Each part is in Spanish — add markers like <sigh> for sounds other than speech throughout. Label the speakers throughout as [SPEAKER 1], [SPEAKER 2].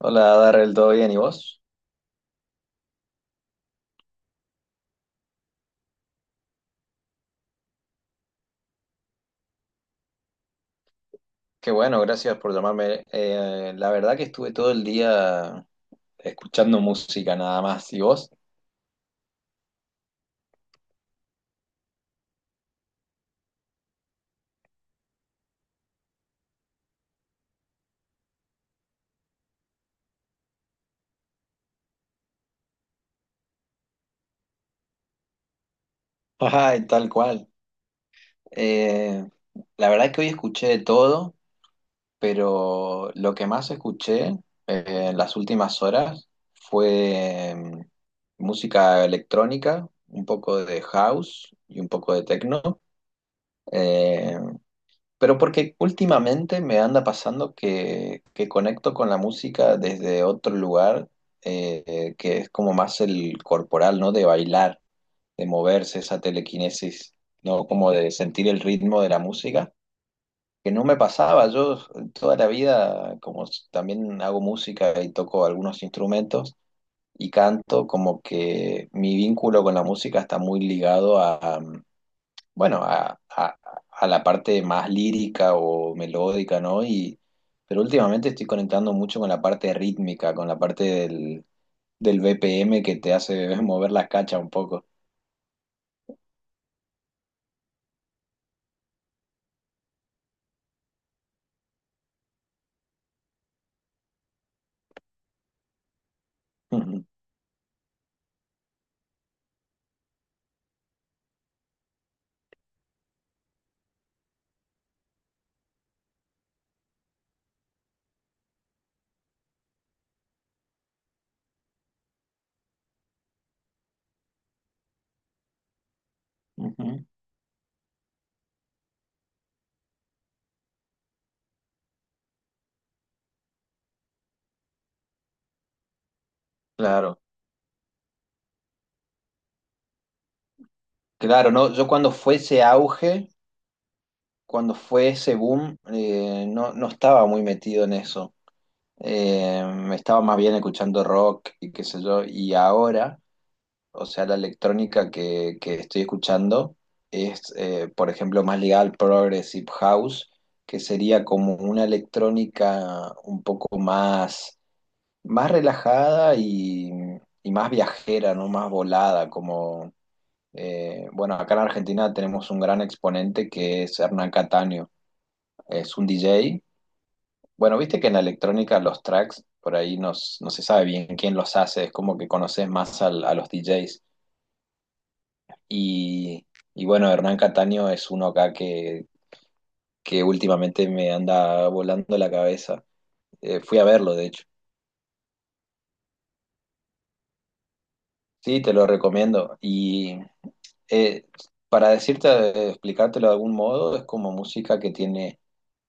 [SPEAKER 1] Hola, Darrell, ¿todo bien? ¿Y vos? Qué bueno, gracias por llamarme. La verdad que estuve todo el día escuchando música nada más. ¿Y vos? <laughs> Ay, tal cual. Eh, la verdad que hoy escuché de todo, pero lo que más escuché eh, en las últimas horas fue música electrónica, un poco de house y un poco de techno. Eh, Pero porque últimamente me anda pasando que conecto con la música desde otro lugar, que es como más el corporal, ¿no? De bailar, de moverse, esa telequinesis, ¿no? Como de sentir el ritmo de la música, que no me pasaba. Yo toda la vida, como también hago música y toco algunos instrumentos y canto, como que mi vínculo con la música está muy ligado a bueno, a la parte más lírica o melódica, ¿no? Pero últimamente estoy conectando mucho con la parte rítmica, con la parte del BPM que te hace <laughs> mover la cacha un poco. <laughs> Ujú, ujú. Claro, claro, no, yo cuando fue ese auge, cuando fue ese boom, no, no estaba muy metido en eso. Eh, Estaba más bien escuchando rock y qué sé yo, y ahora. O sea, la electrónica que estoy escuchando es, por ejemplo, más ligada al Progressive House, que sería como una electrónica un poco más relajada y más viajera, ¿no? Más volada, como, bueno, acá en Argentina tenemos un gran exponente que es Hernán Cataño, es un DJ. Bueno, viste que en la electrónica los tracks, por ahí no, no se sabe bien quién los hace, es como que conoces más al- a los DJs. Y, y bueno, Hernán Cataño es uno acá que últimamente me anda volando la cabeza. Fui a verlo, de hecho. Sí, te lo recomiendo. Y eh, para decirte, explicártelo de algún modo, es como música que tiene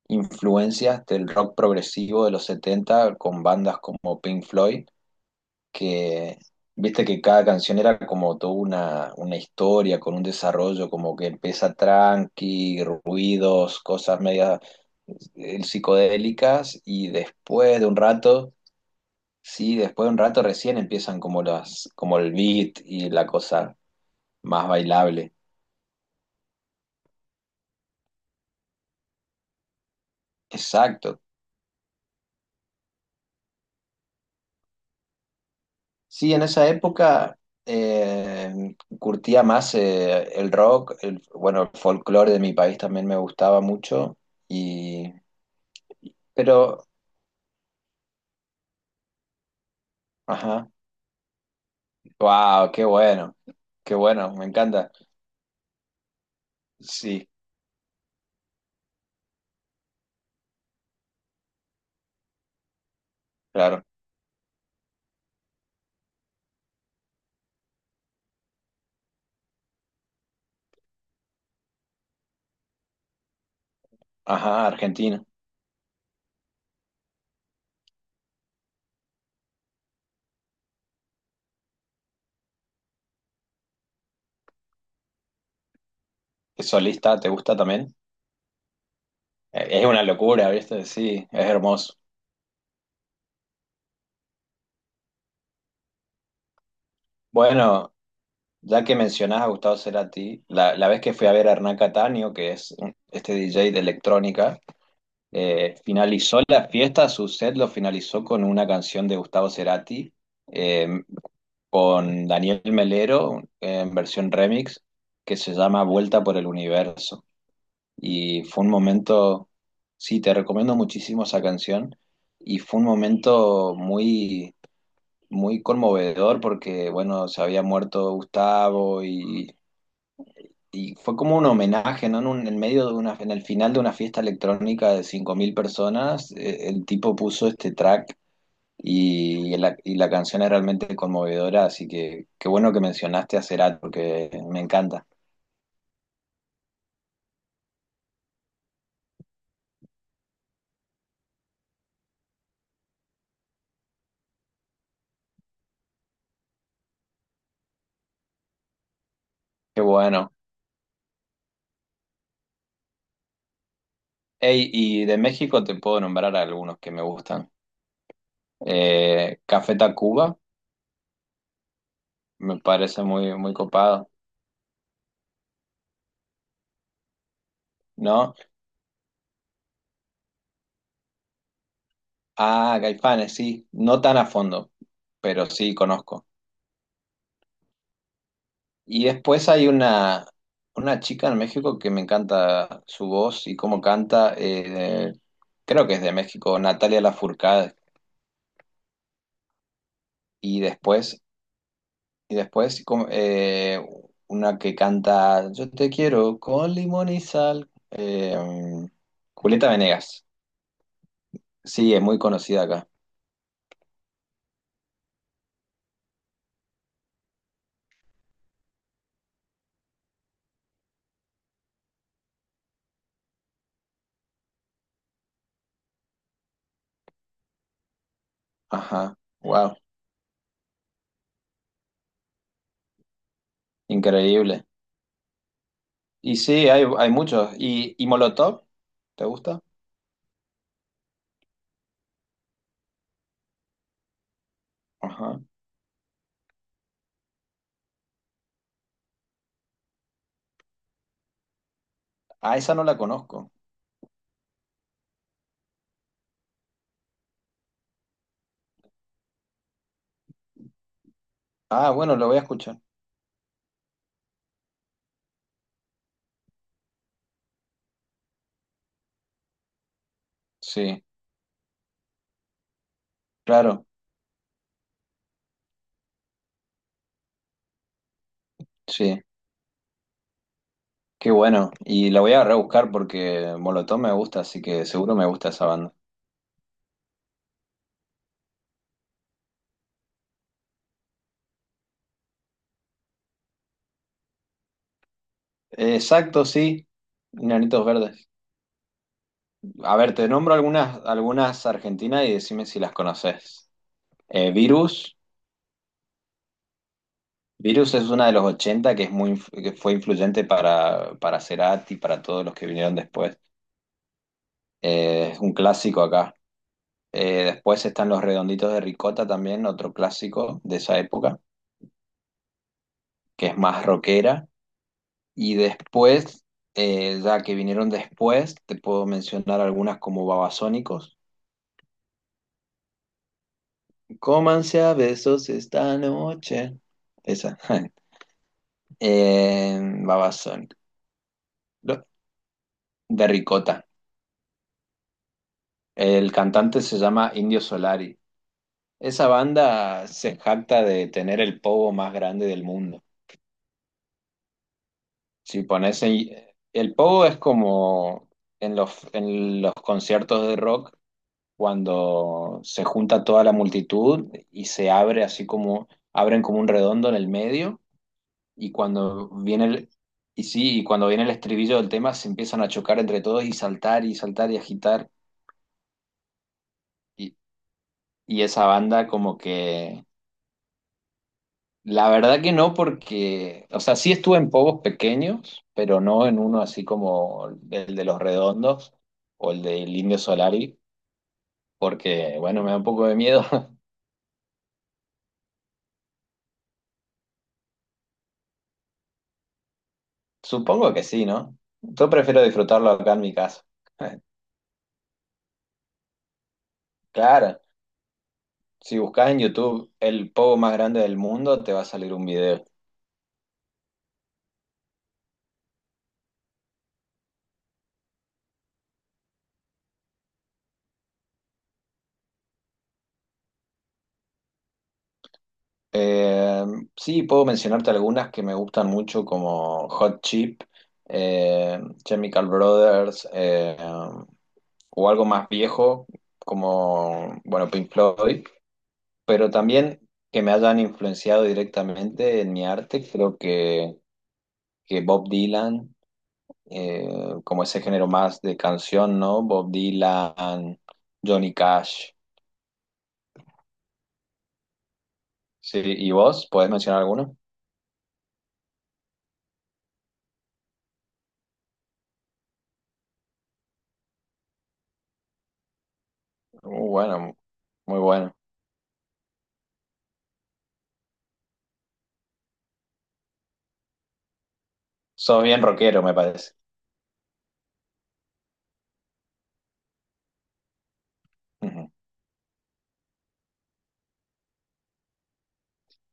[SPEAKER 1] influencias del rock progresivo de los 70 con bandas como Pink Floyd, que viste que cada canción era como toda una historia con un desarrollo, como que empieza tranqui, ruidos, cosas medias psicodélicas y después de un rato, sí, después de un rato recién empiezan como el beat y la cosa más bailable. Exacto. Sí, en esa época curtía más el rock, bueno, el folclore de mi país también me gustaba mucho. y pero ajá, wow, qué bueno. Qué bueno, me encanta. Sí, claro. Ajá, Argentina. ¿Solista te gusta también? Es una locura, ¿viste? Sí, es hermoso. Bueno, ya que mencionás a Gustavo Cerati, la vez que fui a ver a Hernán Cataño, que es este DJ de electrónica, finalizó la fiesta, su set lo finalizó con una canción de Gustavo Cerati, eh, con Daniel Melero, en versión remix, que se llama Vuelta por el Universo. Y fue un momento, sí, te recomiendo muchísimo esa canción, y fue un momento muy muy conmovedor porque, bueno, se había muerto Gustavo y fue como un homenaje, ¿no? En medio de en el final de una fiesta electrónica de 5.000 personas, el tipo puso este track y la canción es realmente conmovedora, así que qué bueno que mencionaste a Cerati porque me encanta. Qué bueno. Ey, y de México te puedo nombrar algunos que me gustan. Café Tacuba, me parece muy, muy copado, ¿no? Ah, Caifanes, sí, no tan a fondo, pero sí conozco. Y después hay una chica en México que me encanta su voz y cómo canta, creo que es de México, Natalia Lafourcade. Y después, y después como, una que canta Yo te quiero con limón y sal, Julieta Venegas. Sí, es muy conocida acá. Ajá, wow, increíble. Y sí, hay muchos. ¿Y Molotov? ¿Te gusta? Ajá. Ah, esa no la conozco. Ah, bueno, la voy a escuchar. Sí, claro, sí. Qué bueno. Y la voy a rebuscar porque Molotov me gusta, así que seguro me gusta esa banda. Exacto, sí. Enanitos Verdes. A ver, te nombro algunas, algunas argentinas y decime si las conoces. Virus. Virus es una de los 80 que, es muy, que fue influyente para Cerati, para todos los que vinieron después. Es un clásico acá. Después están los Redonditos de Ricota también, otro clásico de esa época, que es más rockera. Y después, ya que vinieron después, te puedo mencionar algunas como Babasónicos. Cómanse a besos esta noche. Esa. <laughs> Eh, Babasónicos. Lo- De Ricota. El cantante se llama Indio Solari. Esa banda se jacta de tener el pogo más grande del mundo. Si pones ahí- el pogo es como en en los conciertos de rock, cuando se junta toda la multitud y se abre así como, abren como un redondo en el medio, y cuando viene el, y sí, y cuando viene el estribillo del tema se empiezan a chocar entre todos y saltar y saltar y agitar, y, y esa banda como que. La verdad que no, porque, o sea, sí estuve en pogos pequeños, pero no en uno así como el de Los Redondos o el del Indio Solari, porque, bueno, me da un poco de miedo. <laughs> Supongo que sí, ¿no? Yo prefiero disfrutarlo acá en mi casa. <laughs> Claro, si buscas en YouTube el pogo más grande del mundo, te va a salir un video. Eh, sí, puedo mencionarte algunas que me gustan mucho, como Hot Chip, Chemical Brothers. O algo más viejo, como, bueno, Pink Floyd, pero también que me hayan influenciado directamente en mi arte, creo que Bob Dylan, eh, como ese género más de canción, ¿no? Bob Dylan, Johnny Cash, sí, ¿y vos? ¿Podés mencionar alguno? Bueno, muy bueno. Sos bien rockero, me parece. Ujú.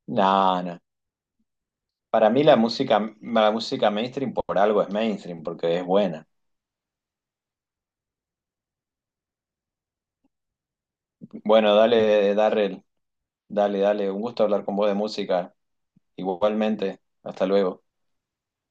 [SPEAKER 1] No, no. Para mí la música mainstream por algo es mainstream, porque es buena. Bueno, dale, Darrell. Dale, dale, un gusto hablar con vos de música. Igualmente, hasta luego.